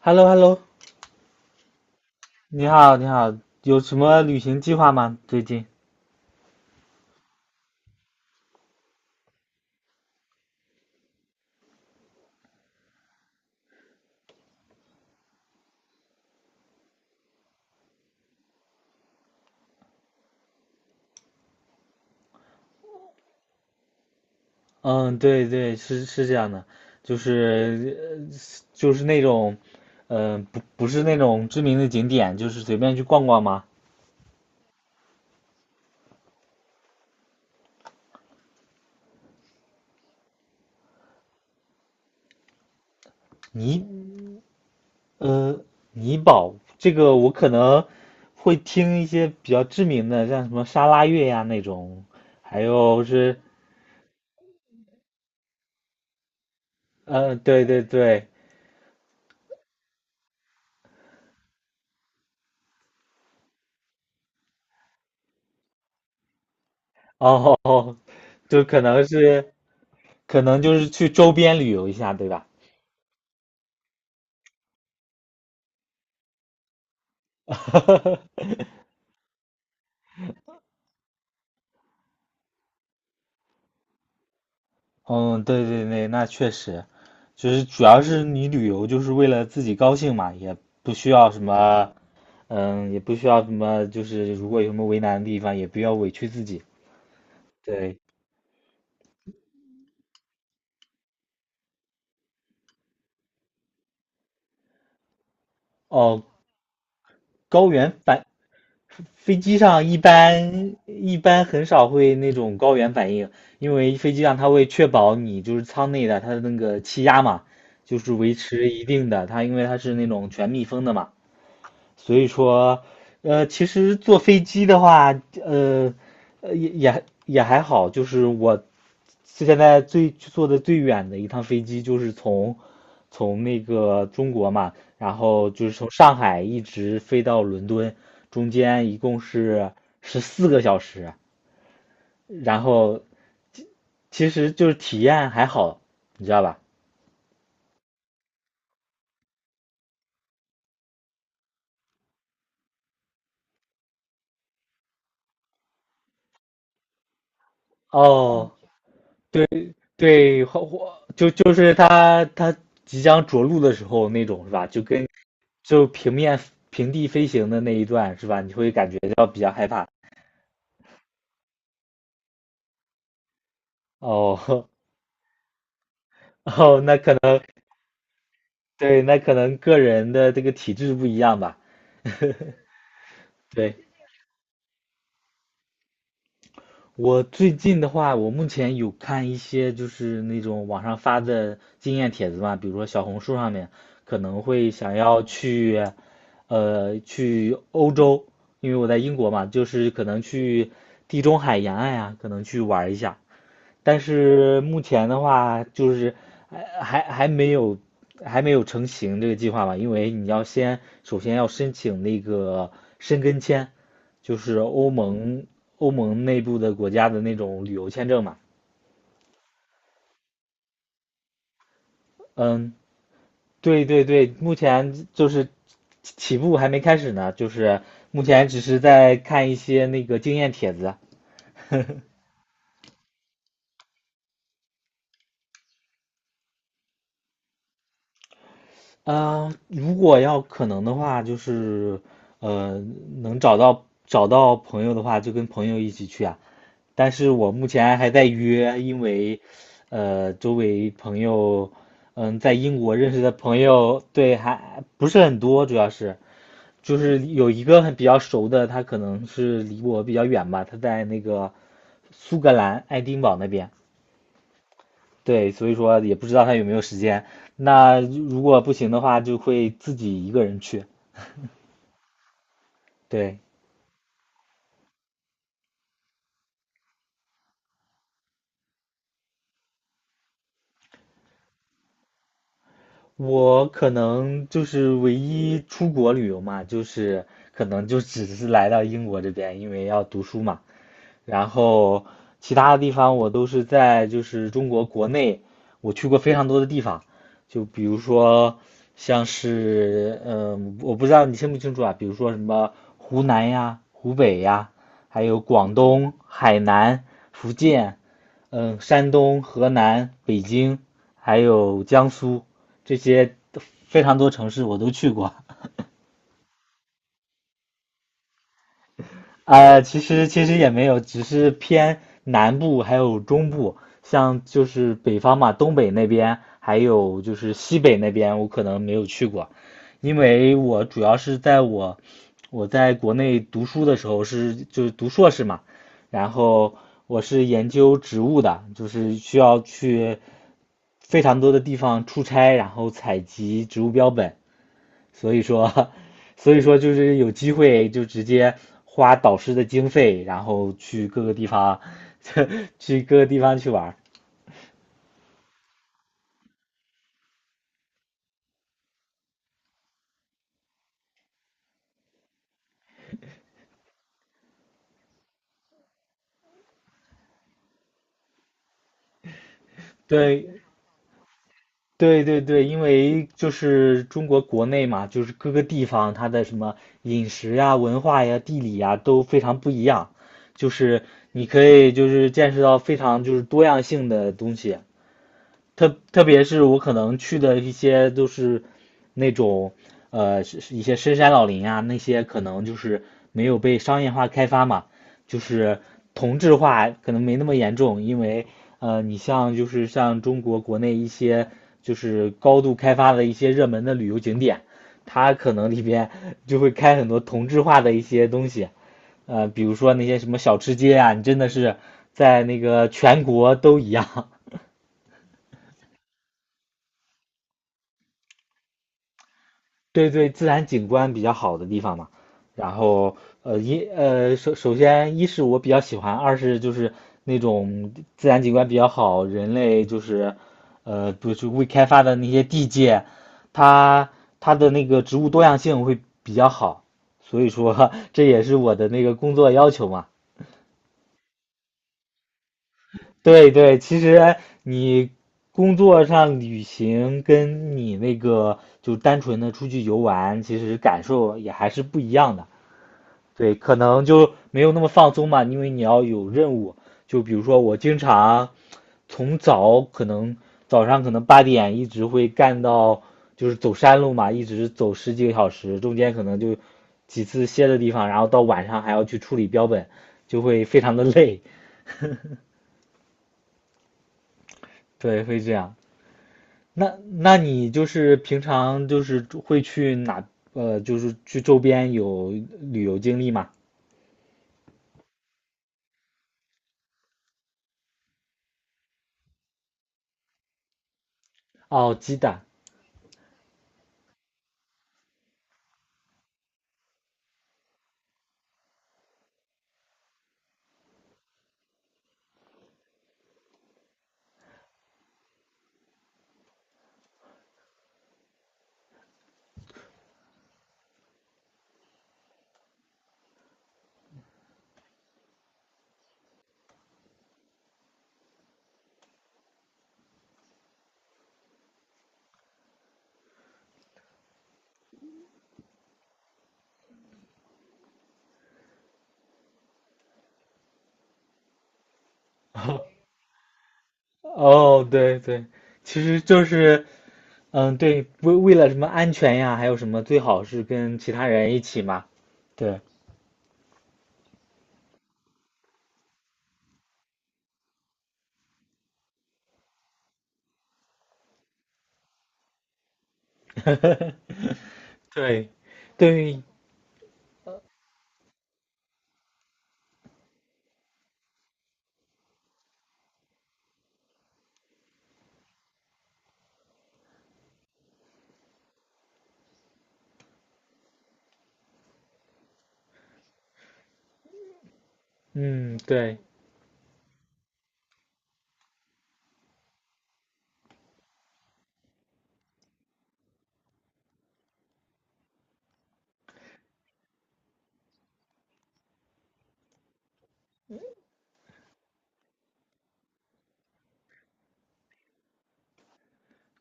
h e l l o h e l l o 你好，你好，有什么旅行计划吗？最近？嗯，对对，是这样的，就是呃就是那种，不是那种知名的景点，就是随便去逛逛吗？尼，呃，尼宝，这个我可能会听一些比较知名的，像什么沙拉越呀那种，还有是，对对对，哦，就可能是，可能就是去周边旅游一下，对吧？嗯，对对对，那确实，就是主要是你旅游就是为了自己高兴嘛，不需要什么，也不需要什么，就是如果有什么为难的地方，也不要委屈自己。对，哦，高原反飞机上一般很少会那种高原反应，因为飞机上它会确保你就是舱内的它的那个气压嘛，就是维持一定的，因为它是那种全密封的嘛。所以说，其实坐飞机的话，呃，也还好，就是我现在最坐的最远的一趟飞机，就是从那个中国嘛，然后就是从上海一直飞到伦敦，中间一共是14个小时，然后其实就是体验还好，你知道吧？哦，对对，就是他即将着陆的时候那种是吧？就跟就平面平地飞行的那一段是吧？你会感觉到比较害怕。哦 哦，那可能对，那可能个人的这个体质不一样吧。对，我最近的话，我目前有看一些就是那种网上发的经验帖子嘛，比如说小红书上面可能会想要去欧洲，因为我在英国嘛，就是可能去地中海沿岸啊，可能去玩一下。但是目前的话，就是还还还没有还没有成型这个计划吧，因为你要首先要申请那个申根签，就是欧盟内部的国家的那种旅游签证嘛。嗯，对对对，目前就是起步还没开始呢，就是目前只是在看一些那个经验帖子。啊，如果要可能的话，就是呃，能找到朋友的话，就跟朋友一起去啊。但是我目前还在约，因为周围朋友，在英国认识的朋友，对，还不是很多，主要是就是有一个很比较熟的，他可能是离我比较远吧，他在那个苏格兰爱丁堡那边。对，所以说也不知道他有没有时间。那如果不行的话，就会自己一个人去。对，我可能就是唯一出国旅游嘛，就是可能就只是来到英国这边，因为要读书嘛。然后其他的地方我都是在就是中国国内，我去过非常多的地方，就比如说像是我不知道你清不清楚啊，比如说什么湖南呀、湖北呀，还有广东、海南、福建，山东、河南、北京，还有江苏这些非常多城市我都去过。其实也没有，只是偏南部还有中部，像就是北方嘛，东北那边还有就是西北那边，我可能没有去过，因为我主要是在我我在国内读书的时候是就是读硕士嘛，然后我是研究植物的，就是需要去非常多的地方出差，然后采集植物标本，所以说，所以说就是有机会就直接花导师的经费，然后去各个地方，去各个地方去玩儿。对对对对，因为就是中国国内嘛，就是各个地方它的什么饮食呀、文化呀、地理呀都非常不一样，就是你可以就是见识到非常就是多样性的东西。特别是我可能去的一些都是那种是一些深山老林啊，那些可能就是没有被商业化开发嘛，就是同质化可能没那么严重，因为你像就是像中国国内一些就是高度开发的一些热门的旅游景点，它可能里边 就会开很多同质化的一些东西。比如说那些什么小吃街啊，你真的是在那个全国都一样，对对，自然景观比较好的地方嘛。然后，首先，一是我比较喜欢，二是就是那种自然景观比较好，人类就是，不是未开发的那些地界，它它的那个植物多样性会比较好，所以说 这也是我的那个工作要求嘛。对对，其实你工作上旅行跟你那个就单纯的出去游玩，其实感受也还是不一样的。对，可能就没有那么放松嘛，因为你要有任务。就比如说，我经常从早可能早上可能8点一直会干到，就是走山路嘛，一直走十几个小时，中间可能就几次歇的地方，然后到晚上还要去处理标本，就会非常的累。对，会这样。那你就是平常就是会去哪？就是去周边有旅游经历吗？哦，鸡蛋。哦，对对，其实就是，嗯，对，为了什么安全呀，还有什么最好是跟其他人一起嘛，对，对，对，嗯，对，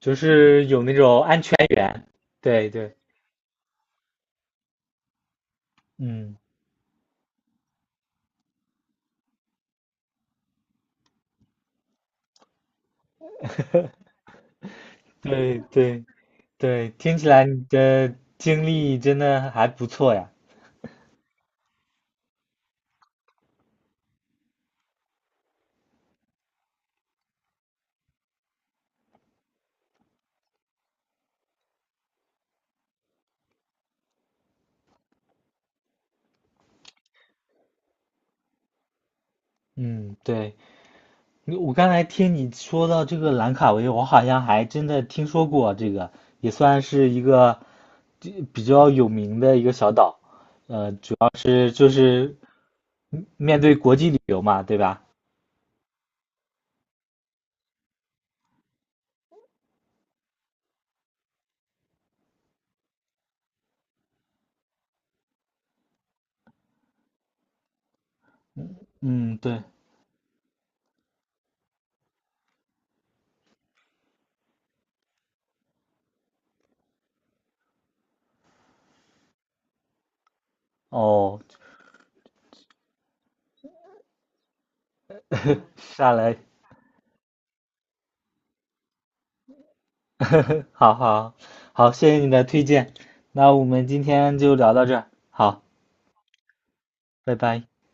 就是有那种安全员，对对，嗯，对对对，听起来你的经历真的还不错呀，嗯，对。我刚才听你说到这个兰卡威，我好像还真的听说过这个，也算是这比较有名的一个小岛，主要是就是面对国际旅游嘛，对吧？嗯，对，哦，下来，好好好，谢谢你的推荐，那我们今天就聊到这儿，好，拜拜。